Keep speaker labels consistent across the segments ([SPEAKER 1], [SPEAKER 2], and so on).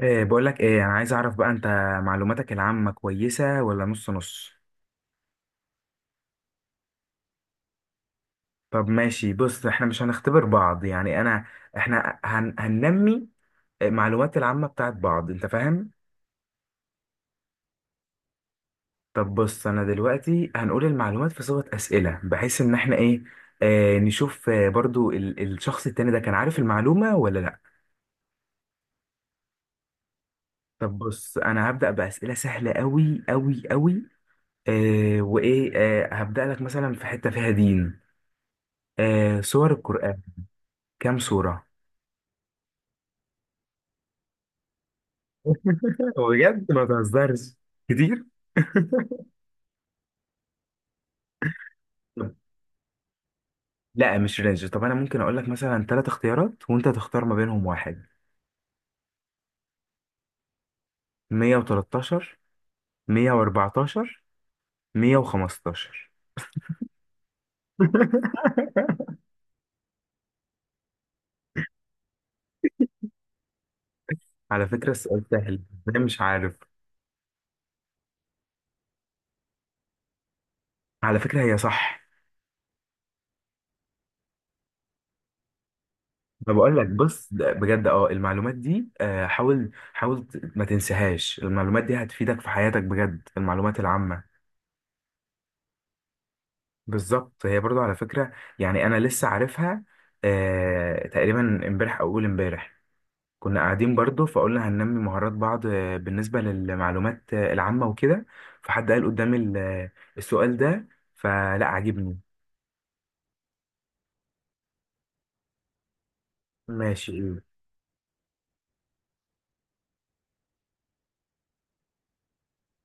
[SPEAKER 1] إيه، بقول لك ايه، انا عايز اعرف بقى انت معلوماتك العامة كويسة ولا نص نص؟ طب ماشي، بص احنا مش هنختبر بعض، يعني انا احنا هننمي المعلومات العامة بتاعت بعض، انت فاهم؟ طب بص، انا دلوقتي هنقول المعلومات في صيغة أسئلة، بحيث ان احنا ايه، نشوف، برضو الشخص التاني ده كان عارف المعلومة ولا لا. طب بص، انا هبدأ بأسئلة سهلة قوي قوي قوي. وايه، هبدأ لك مثلا في حتة فيها دين، سور القرآن كام صورة؟ بجد ما تهزرش، كتير. طب- لا مش رينج، طب انا ممكن اقول لك مثلا ثلاث اختيارات وانت تختار ما بينهم واحد. 113، 114، 115. على فكرة السؤال سهل ده، مش عارف. على فكرة هي صح. ما بقول لك بص، ده بجد، اه المعلومات دي، حاول ما تنساهاش، المعلومات دي هتفيدك في حياتك بجد، المعلومات العامة. بالظبط، هي برضو على فكرة، يعني أنا لسه عارفها تقريبا امبارح أو أول امبارح. كنا قاعدين برضو فقلنا هننمي مهارات بعض، بالنسبة للمعلومات العامة وكده، فحد قال قدامي السؤال ده، فلا عجبني. ماشي ايه.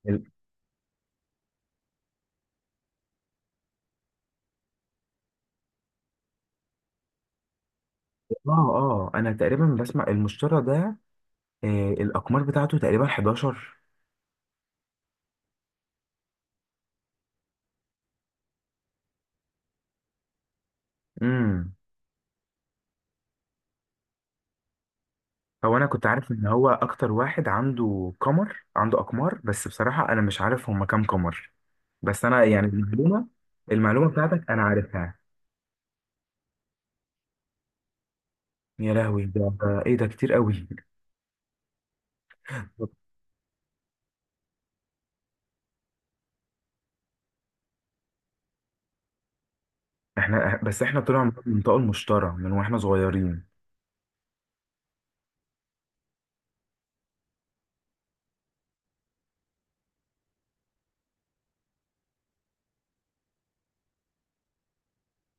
[SPEAKER 1] ال- اه اه، أنا تقريبا بسمع المشترى ده، الأقمار بتاعته تقريبا 11. امم هو انا كنت عارف ان هو اكتر واحد عنده قمر، عنده اقمار، بس بصراحة انا مش عارف هما كام قمر. بس انا يعني المعلومة، المعلومة بتاعتك انا عارفها. يا لهوي، ده ايه؟ ده كتير قوي. احنا بس احنا طلع من المنطقة المشترى من واحنا صغيرين.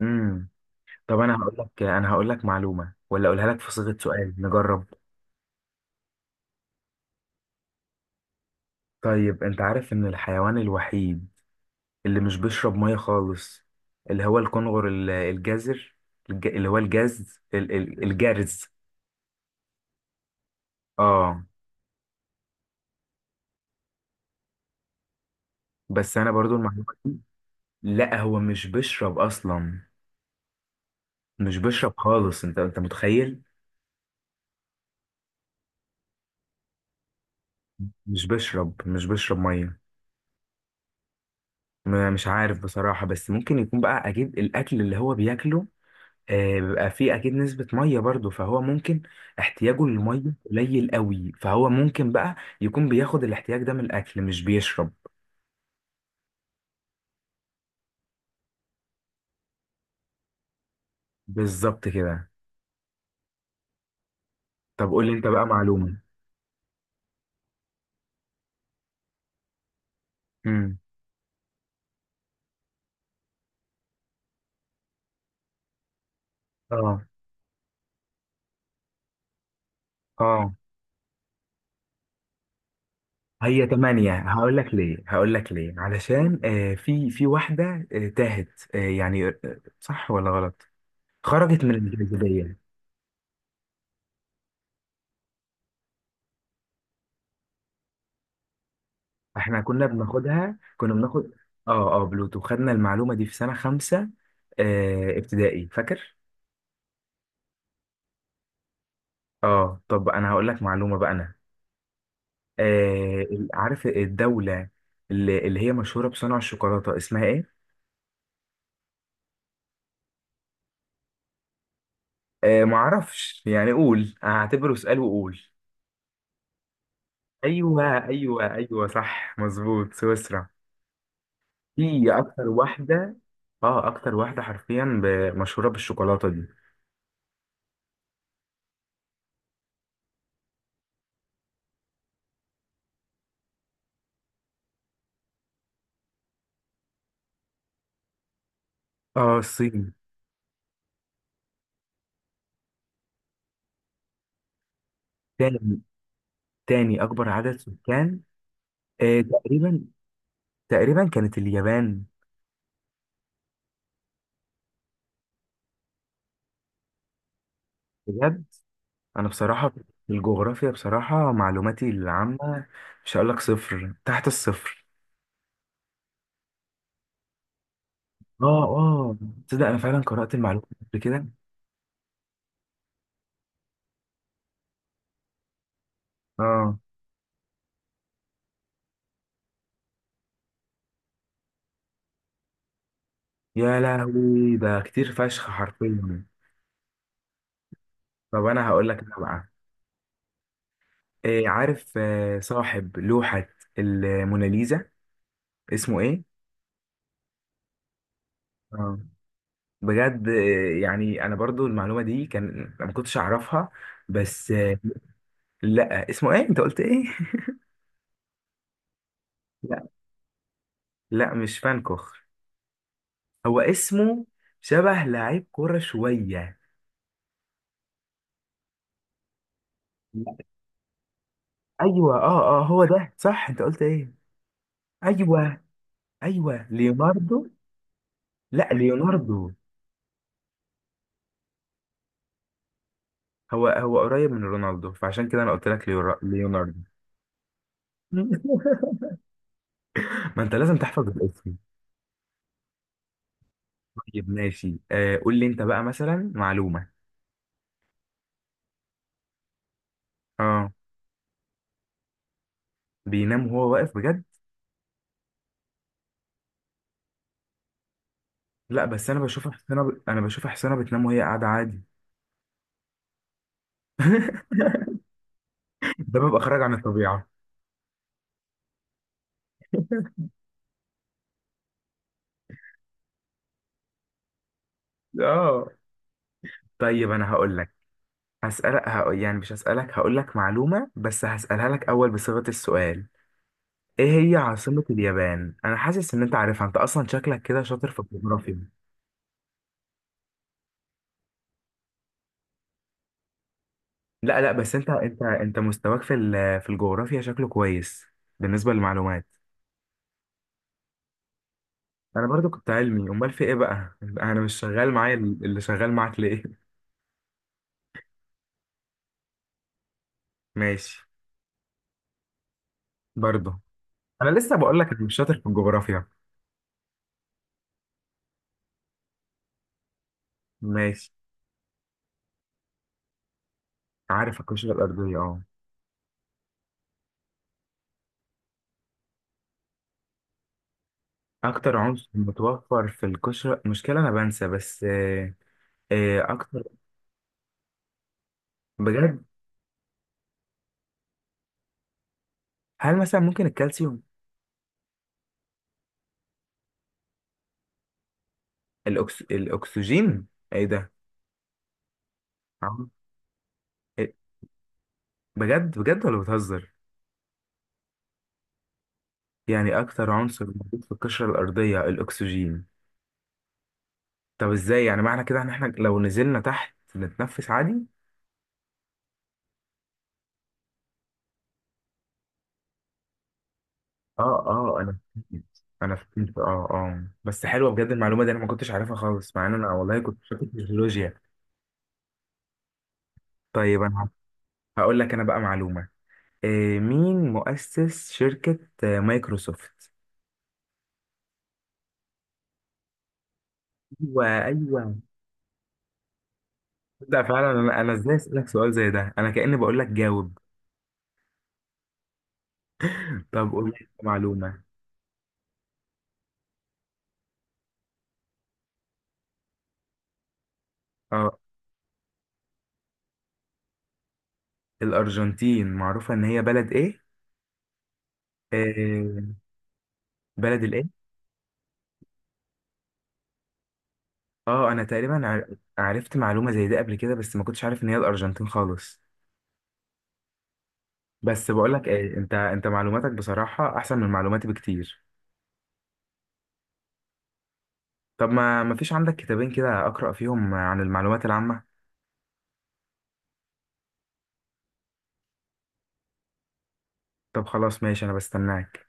[SPEAKER 1] امم طب انا هقول لك، انا هقول لك معلومة ولا اقولها لك في صيغة سؤال، نجرب. طيب انت عارف ان الحيوان الوحيد اللي مش بيشرب مية خالص، اللي هو الكنغر، ال- الجزر الج- اللي هو الجاز ال- ال- الجرز. اه. بس انا برضو المعلومه دي. لا هو مش بيشرب اصلا، مش بيشرب خالص، انت متخيل؟ مش بيشرب ميه. مش عارف بصراحه، بس ممكن يكون بقى، اكيد الاكل اللي هو بياكله بيبقى فيه اكيد نسبه ميه، برضو فهو ممكن، احتياجه للميه قليل قوي، فهو ممكن بقى يكون بياخد الاحتياج ده من الاكل، مش بيشرب. بالظبط كده. طب قول لي انت بقى معلومه. امم اه اه، هي تمانية، هقول لك ليه، هقول لك ليه، علشان في واحدة تاهت، يعني صح ولا غلط؟ خرجت من الجاذبية. احنا كنا بناخدها، كنا بناخد. اه اه، بلوتو، خدنا المعلومة دي في سنة خمسة ابتدائي، فاكر. اه، طب انا هقول لك معلومة بقى انا. عارف الدولة اللي هي مشهورة بصنع الشوكولاتة اسمها ايه؟ معرفش يعني، قول، هعتبره سؤال وقول. ايوه ايوه ايوه، صح مظبوط، سويسرا. في اكتر واحده، اه اكتر واحده حرفيا مشهوره بالشوكولاته دي. اه، الصين. تاني، تاني اكبر عدد سكان تقريبا، تقريبا كانت اليابان. بجد. انا بصراحه في الجغرافيا بصراحه معلوماتي العامه مش هقول لك صفر تحت الصفر. اه اه، تصدق انا فعلا قرات المعلومه قبل كده. اه، يا لهوي، ده كتير فشخ حرفيا. طب انا هقول لك انا بقى، عارف صاحب لوحه الموناليزا اسمه ايه؟ اه، بجد يعني انا برضو المعلومه دي كان ما كنتش اعرفها، بس لا اسمه ايه؟ انت قلت ايه؟ لا لا، مش فانكوخ. هو اسمه شبه لعيب كوره شويه. لا، ايوه اه اه، هو ده صح. انت قلت ايه؟ ايوه ايوه، ليوناردو. لا ليوناردو، هو هو قريب من رونالدو، فعشان كده انا قلت لك ليوناردو. ما انت لازم تحفظ الاسم. طيب ماشي، قول لي انت بقى مثلا معلومه. اه. بينام وهو واقف بجد؟ لا بس انا بشوف حسنا ب... انا بشوف حسنا بتنام وهي قاعده عادي. ده بيبقى خارج عن الطبيعه. اه. طيب انا هقول لك، يعني مش هسألك، هقول لك معلومه بس هسألها لك اول بصيغه السؤال. ايه هي عاصمه اليابان؟ انا حاسس ان انت عارفها، انت اصلا شكلك كده شاطر في الجغرافيا. لا لا، بس انت مستواك في ال... في الجغرافيا شكله كويس بالنسبه للمعلومات. انا برضو كنت علمي، امال في ايه بقى؟ انا مش شغال، معايا اللي شغال معاك ليه؟ ماشي. برضو. انا لسه بقول لك انا مش شاطر في الجغرافيا. ماشي. عارف القشره الارضيه، اه، اكتر عنصر متوفر في القشره، مشكله انا بنسى، بس اكتر، بجد. هل مثلا ممكن الكالسيوم؟ الأكس... الاكسجين؟ ايه ده! عم- إيه؟ بجد بجد، ولا بتهزر؟ يعني اكتر عنصر موجود في القشره الارضيه الاكسجين؟ طب ازاي؟ يعني معنى كده ان احنا لو نزلنا تحت نتنفس عادي. اه اه، انا فهمت. انا فهمت اه. اه، بس حلوه بجد المعلومه دي، انا ما كنتش عارفها خالص، مع ان انا والله كنت شاطر في الجيولوجيا. طيب انا هقول لك انا بقى معلومه. إيه مين مؤسس شركه مايكروسوفت؟ ايوه ايوه، لا فعلا، انا ازاي اسالك سؤال زي ده، انا كاني بقول لك جاوب. طب قول لي معلومه. اه، الارجنتين معروفه ان هي بلد ايه؟ إيه؟ بلد الايه؟ اه انا تقريبا عرفت معلومه زي دي قبل كده، بس ما كنتش عارف ان هي الارجنتين خالص. بس بقول لك ايه، انت معلوماتك بصراحة احسن من معلوماتي بكتير. طب ما فيش عندك كتابين كده اقرأ فيهم عن المعلومات العامة؟ طب خلاص ماشي، انا بستناك.